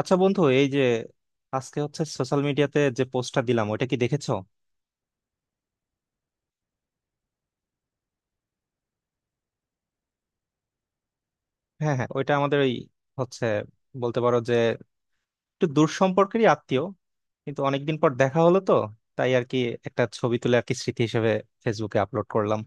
আচ্ছা বন্ধু, এই যে আজকে হচ্ছে সোশ্যাল মিডিয়াতে যে পোস্টটা দিলাম ওইটা কি দেখেছো? হ্যাঁ হ্যাঁ, ওইটা আমাদের ওই হচ্ছে, বলতে পারো যে একটু দূর সম্পর্কেরই আত্মীয়, কিন্তু অনেকদিন পর দেখা হলো তো, তাই আর কি একটা ছবি তুলে আর কি স্মৃতি হিসেবে ফেসবুকে আপলোড করলাম।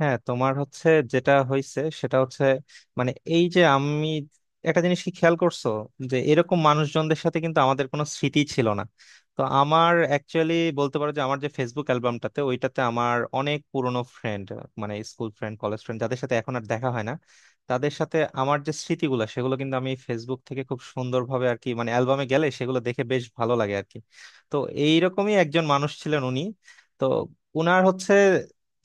হ্যাঁ, তোমার হচ্ছে, যেটা হয়েছে সেটা হচ্ছে মানে এই যে আমি একটা জিনিস কি খেয়াল করছো যে এরকম মানুষজনদের সাথে কিন্তু আমাদের কোনো স্মৃতি ছিল না। তো আমার অ্যাকচুয়ালি বলতে পারো যে আমার যে ফেসবুক অ্যালবামটাতে ওইটাতে আমার অনেক পুরনো ফ্রেন্ড, মানে স্কুল ফ্রেন্ড, কলেজ ফ্রেন্ড, যাদের সাথে এখন আর দেখা হয় না, তাদের সাথে আমার যে স্মৃতিগুলো সেগুলো কিন্তু আমি ফেসবুক থেকে খুব সুন্দরভাবে আর কি মানে অ্যালবামে গেলে সেগুলো দেখে বেশ ভালো লাগে আর কি। তো এইরকমই একজন মানুষ ছিলেন উনি। তো উনার হচ্ছে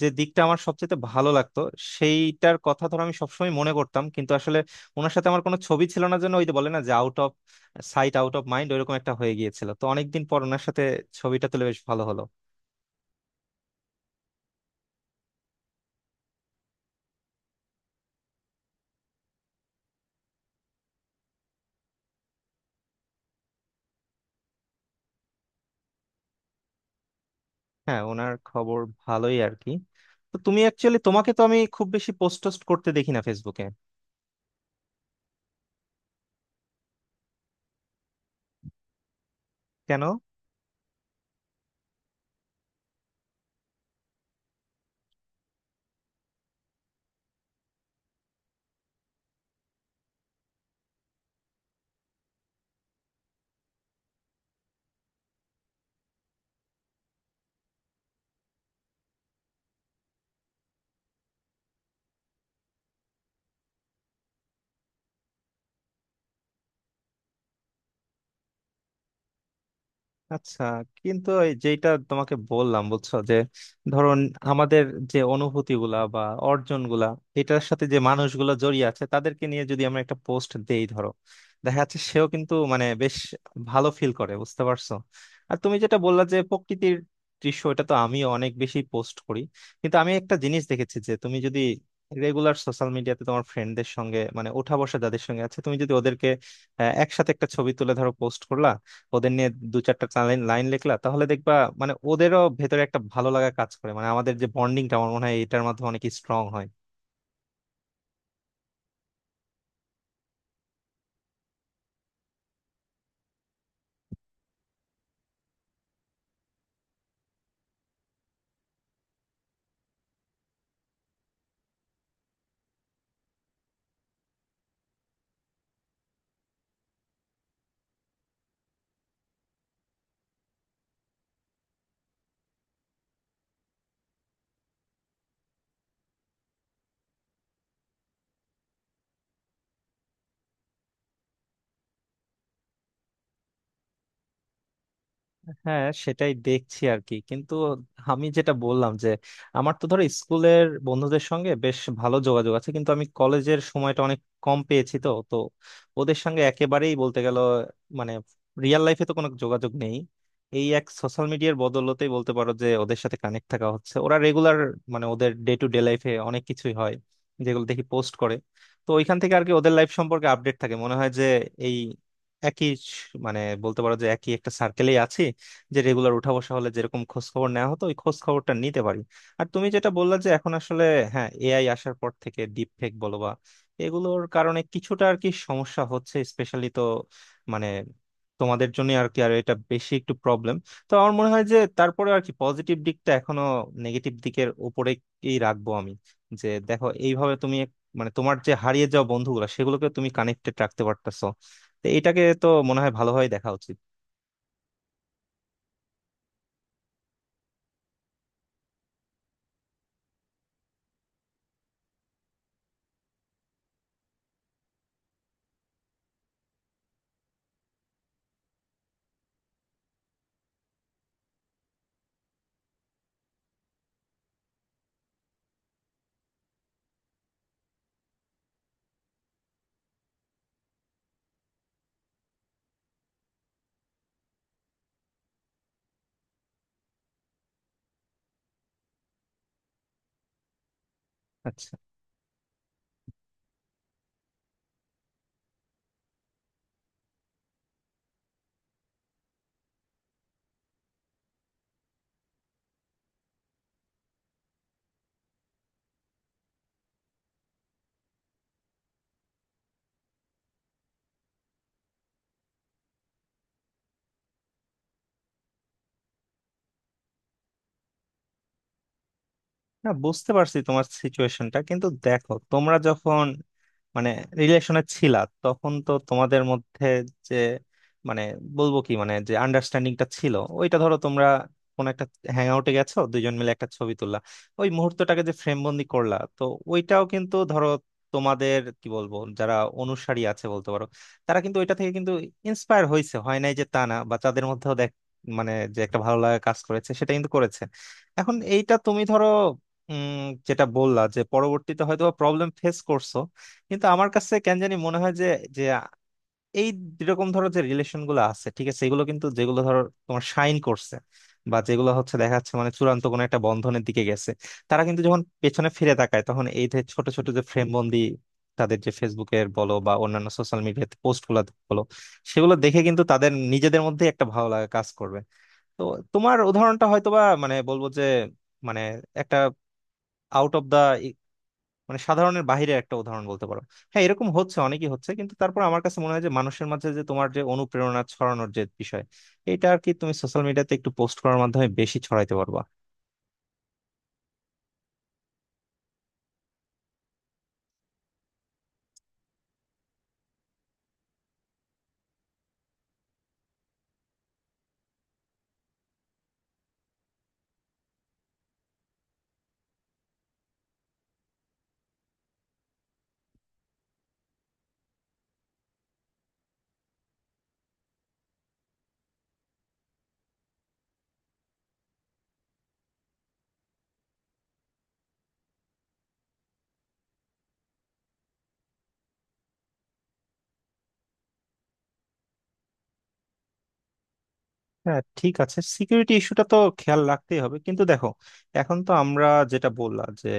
যে দিকটা আমার সবচেয়ে ভালো লাগতো সেইটার কথা ধরো আমি সবসময় মনে করতাম, কিন্তু আসলে ওনার সাথে আমার কোনো ছবি ছিল না জন্য ওই যে বলে না যে out of sight out of mind, ওইরকম একটা হয়ে গিয়েছিল। তো অনেকদিন পর ওনার সাথে ছবিটা তুলে বেশ ভালো হলো। হ্যাঁ, ওনার খবর ভালোই আর কি। তো তুমি অ্যাকচুয়ালি, তোমাকে তো আমি খুব বেশি পোস্ট টোস্ট করতে দেখি না ফেসবুকে, কেন? আচ্ছা, কিন্তু এই যেটা তোমাকে বললাম বুঝছো যে ধরুন আমাদের যে অনুভূতি গুলা বা অর্জন গুলা এটার সাথে যে মানুষগুলো জড়িয়ে আছে তাদেরকে নিয়ে যদি আমরা একটা পোস্ট দেই ধরো, দেখা যাচ্ছে সেও কিন্তু মানে বেশ ভালো ফিল করে, বুঝতে পারছো? আর তুমি যেটা বললা যে প্রকৃতির দৃশ্য, এটা তো আমি অনেক বেশি পোস্ট করি। কিন্তু আমি একটা জিনিস দেখেছি যে তুমি যদি রেগুলার সোশ্যাল মিডিয়াতে তোমার ফ্রেন্ডদের সঙ্গে মানে ওঠা বসা যাদের সঙ্গে আছে তুমি যদি ওদেরকে একসাথে একটা ছবি তুলে ধরো পোস্ট করলা, ওদের নিয়ে দু চারটা লাইন লাইন লিখলা, তাহলে দেখবা মানে ওদেরও ভেতরে একটা ভালো লাগা কাজ করে, মানে আমাদের যে বন্ডিংটা আমার মনে হয় এটার মাধ্যমে অনেক স্ট্রং হয়। হ্যাঁ, সেটাই দেখছি আর কি, কিন্তু আমি যেটা বললাম যে আমার তো ধরো স্কুলের বন্ধুদের সঙ্গে বেশ ভালো যোগাযোগ আছে, কিন্তু আমি কলেজের সময়টা অনেক কম পেয়েছি, তো তো ওদের সঙ্গে একেবারেই বলতে গেল মানে রিয়েল লাইফে তো কোনো যোগাযোগ নেই। এই এক সোশ্যাল মিডিয়ার বদৌলতেই বলতে পারো যে ওদের সাথে কানেক্ট থাকা হচ্ছে। ওরা রেগুলার মানে ওদের ডে টু ডে লাইফে অনেক কিছুই হয় যেগুলো দেখি পোস্ট করে। তো ওইখান থেকে আর কি ওদের লাইফ সম্পর্কে আপডেট থাকে, মনে হয় যে এই মানে বলতে পারো যে একই একটা সার্কেলেই আছি, যে রেগুলার উঠা বসা হলে যেরকম খোঁজ খবর নেওয়া হতো ওই খোঁজ খবরটা নিতে পারি। আর তুমি যেটা বললা যে এখন আসলে, হ্যাঁ, এআই আসার পর থেকে ডিপ ফেক বলো বা এগুলোর কারণে কিছুটা আর কি সমস্যা হচ্ছে, স্পেশালি তো মানে তোমাদের জন্য আর কি, আর এটা বেশি একটু প্রবলেম। তো আমার মনে হয় যে তারপরে আর কি পজিটিভ দিকটা এখনো নেগেটিভ দিকের উপরে কি রাখবো আমি, যে দেখো এইভাবে তুমি মানে তোমার যে হারিয়ে যাওয়া বন্ধুগুলো সেগুলোকে তুমি কানেক্টেড রাখতে পারতেছো, তো এটাকে তো মনে হয় ভালোভাবে দেখা উচিত। আচ্ছা। না, বুঝতে পারছি তোমার সিচুয়েশনটা, কিন্তু দেখো তোমরা যখন মানে রিলেশনে ছিলা তখন তো তোমাদের মধ্যে যে মানে বলবো কি মানে যে আন্ডারস্ট্যান্ডিংটা ছিল ওইটা ধরো তোমরা কোন একটা হ্যাং আউটে গেছো, দুইজন মিলে একটা ছবি তুললা, ওই মুহূর্তটাকে যে ফ্রেম বন্দি করলা, তো ওইটাও কিন্তু ধরো তোমাদের কি বলবো যারা অনুসারী আছে বলতে পারো, তারা কিন্তু ওইটা থেকে কিন্তু ইন্সপায়ার হয়েছে হয় নাই যে তা না, বা তাদের মধ্যেও দেখ মানে যে একটা ভালো লাগা কাজ করেছে সেটা কিন্তু করেছে। এখন এইটা তুমি ধরো উম যেটা বললা যে পরবর্তীতে হয়তো প্রবলেম ফেস করছো, কিন্তু আমার কাছে কেন জানি মনে হয় যে যে এই যেরকম ধরো যে রিলেশন গুলো আছে ঠিক আছে এগুলো কিন্তু যেগুলো ধরো তোমার সাইন করছে বা যেগুলো হচ্ছে দেখা যাচ্ছে মানে চূড়ান্ত কোনো একটা বন্ধনের দিকে গেছে, তারা কিন্তু যখন পেছনে ফিরে তাকায় তখন এই যে ছোট ছোট যে ফ্রেম বন্দি তাদের যে ফেসবুকের বলো বা অন্যান্য সোশ্যাল মিডিয়াতে পোস্ট গুলো বলো, সেগুলো দেখে কিন্তু তাদের নিজেদের মধ্যে একটা ভালো লাগা কাজ করবে। তো তোমার উদাহরণটা হয়তোবা মানে বলবো যে মানে একটা আউট অফ দা মানে সাধারণের বাইরের একটা উদাহরণ বলতে পারো। হ্যাঁ, এরকম হচ্ছে অনেকই হচ্ছে, কিন্তু তারপর আমার কাছে মনে হয় যে মানুষের মাঝে যে তোমার যে অনুপ্রেরণা ছড়ানোর যে বিষয়, এটা আর কি তুমি সোশ্যাল মিডিয়াতে একটু পোস্ট করার মাধ্যমে বেশি ছড়াইতে পারবা। হ্যাঁ, ঠিক আছে, সিকিউরিটি ইস্যুটা তো খেয়াল রাখতেই হবে, কিন্তু দেখো এখন তো আমরা যেটা বললাম যে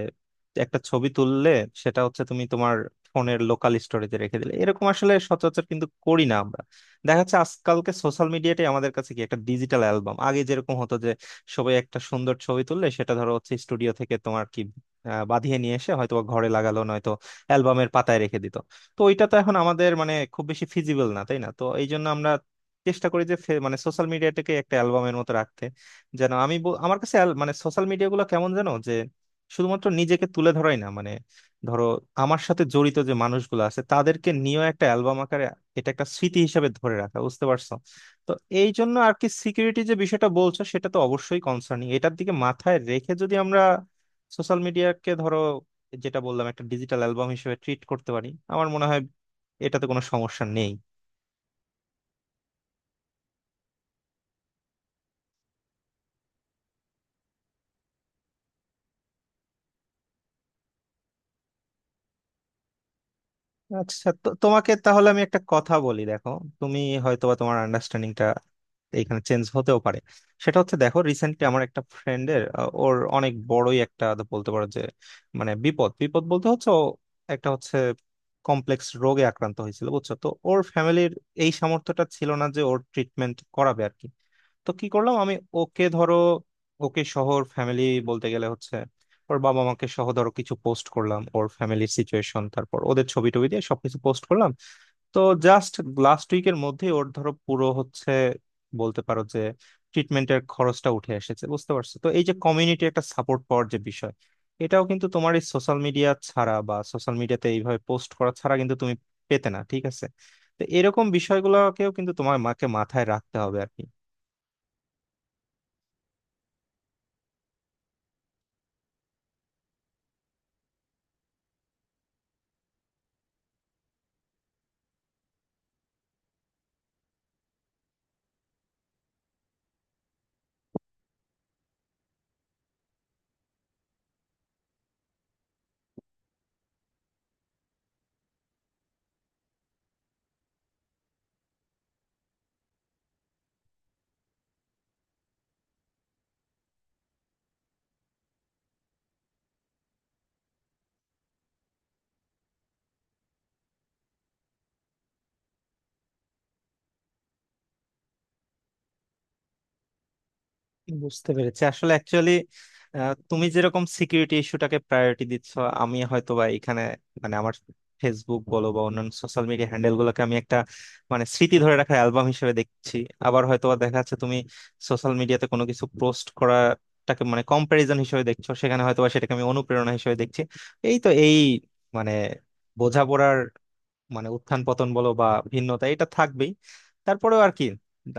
একটা ছবি তুললে সেটা হচ্ছে তুমি তোমার ফোনের লোকাল স্টোরেজে রেখে দিলে, এরকম আসলে সচরাচর কিন্তু করি না আমরা। দেখা যাচ্ছে আজকালকে সোশ্যাল মিডিয়াটাই আমাদের কাছে কি একটা ডিজিটাল অ্যালবাম, আগে যেরকম হতো যে সবাই একটা সুন্দর ছবি তুললে সেটা ধরো হচ্ছে স্টুডিও থেকে তোমার কি বাঁধিয়ে নিয়ে এসে হয়তো বা ঘরে লাগালো, নয়তো অ্যালবামের পাতায় রেখে দিত। তো ওইটা তো এখন আমাদের মানে খুব বেশি ফিজিবল না, তাই না? তো এই জন্য আমরা চেষ্টা করি যে মানে সোশ্যাল মিডিয়াটাকে একটা অ্যালবামের মতো রাখতে, যেন আমি আমার কাছে মানে সোশ্যাল মিডিয়া গুলো কেমন যেন যে শুধুমাত্র নিজেকে তুলে ধরাই না, মানে ধরো আমার সাথে জড়িত যে মানুষগুলো আছে তাদেরকে নিয়েও একটা অ্যালবাম আকারে এটা একটা স্মৃতি হিসেবে ধরে রাখা, বুঝতে পারছো? তো এই জন্য আর কি সিকিউরিটি যে বিষয়টা বলছো সেটা তো অবশ্যই কনসার্নিং, এটার দিকে মাথায় রেখে যদি আমরা সোশ্যাল মিডিয়াকে ধরো যেটা বললাম একটা ডিজিটাল অ্যালবাম হিসেবে ট্রিট করতে পারি, আমার মনে হয় এটাতে কোনো সমস্যা নেই। আচ্ছা, তো তোমাকে তাহলে আমি একটা কথা বলি, দেখো তুমি হয়তোবা তোমার আন্ডারস্ট্যান্ডিংটা এখানে চেঞ্জ হতেও পারে। সেটা হচ্ছে দেখো রিসেন্টলি আমার একটা ফ্রেন্ডের ওর অনেক বড়ই একটা তো বলতে পারো যে মানে বিপদ বিপদ বলতে হচ্ছে, ও একটা হচ্ছে কমপ্লেক্স রোগে আক্রান্ত হয়েছিল বুঝছো? তো ওর ফ্যামিলির এই সামর্থ্যটা ছিল না যে ওর ট্রিটমেন্ট করাবে আর কি। তো কি করলাম, আমি ওকে ধরো ওকে শহর ফ্যামিলি বলতে গেলে হচ্ছে ওর বাবা মাকে সহ ধরো কিছু পোস্ট করলাম, ওর ফ্যামিলির সিচুয়েশন, তারপর ওদের ছবি টবি দিয়ে সবকিছু পোস্ট করলাম। তো জাস্ট লাস্ট উইকের মধ্যেই ওর ধরো পুরো হচ্ছে বলতে পারো যে ট্রিটমেন্টের খরচটা উঠে এসেছে, বুঝতে পারছো? তো এই যে কমিউনিটি একটা সাপোর্ট পাওয়ার যে বিষয়, এটাও কিন্তু তোমার এই সোশ্যাল মিডিয়া ছাড়া বা সোশ্যাল মিডিয়াতে এইভাবে পোস্ট করা ছাড়া কিন্তু তুমি পেতে না, ঠিক আছে? তো এরকম বিষয়গুলোকেও কিন্তু তোমার মাকে মাথায় রাখতে হবে আর কি। বুঝতে পেরেছি, আসলে অ্যাকচুয়ালি তুমি যেরকম সিকিউরিটি ইস্যুটাকে প্রায়োরিটি দিচ্ছ, আমি হয়তো বা এখানে মানে আমার ফেসবুক বলো বা অন্যান্য সোশ্যাল মিডিয়া হ্যান্ডেল গুলোকে আমি একটা মানে স্মৃতি ধরে রাখার অ্যালবাম হিসেবে দেখছি। আবার হয়তো বা দেখা যাচ্ছে তুমি সোশ্যাল মিডিয়াতে কোনো কিছু পোস্ট করাটাকে মানে কম্প্যারিজন হিসেবে দেখছো, সেখানে হয়তো বা সেটাকে আমি অনুপ্রেরণা হিসেবে দেখছি। এই তো এই মানে বোঝাপড়ার মানে উত্থান পতন বলো বা ভিন্নতা এটা থাকবেই। তারপরেও আর কি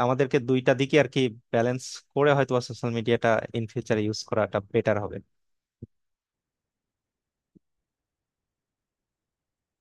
আমাদেরকে দুইটা দিকে আর কি ব্যালেন্স করে হয়তো সোশ্যাল মিডিয়াটা ইন ফিউচারে ইউজ করাটা বেটার হবে।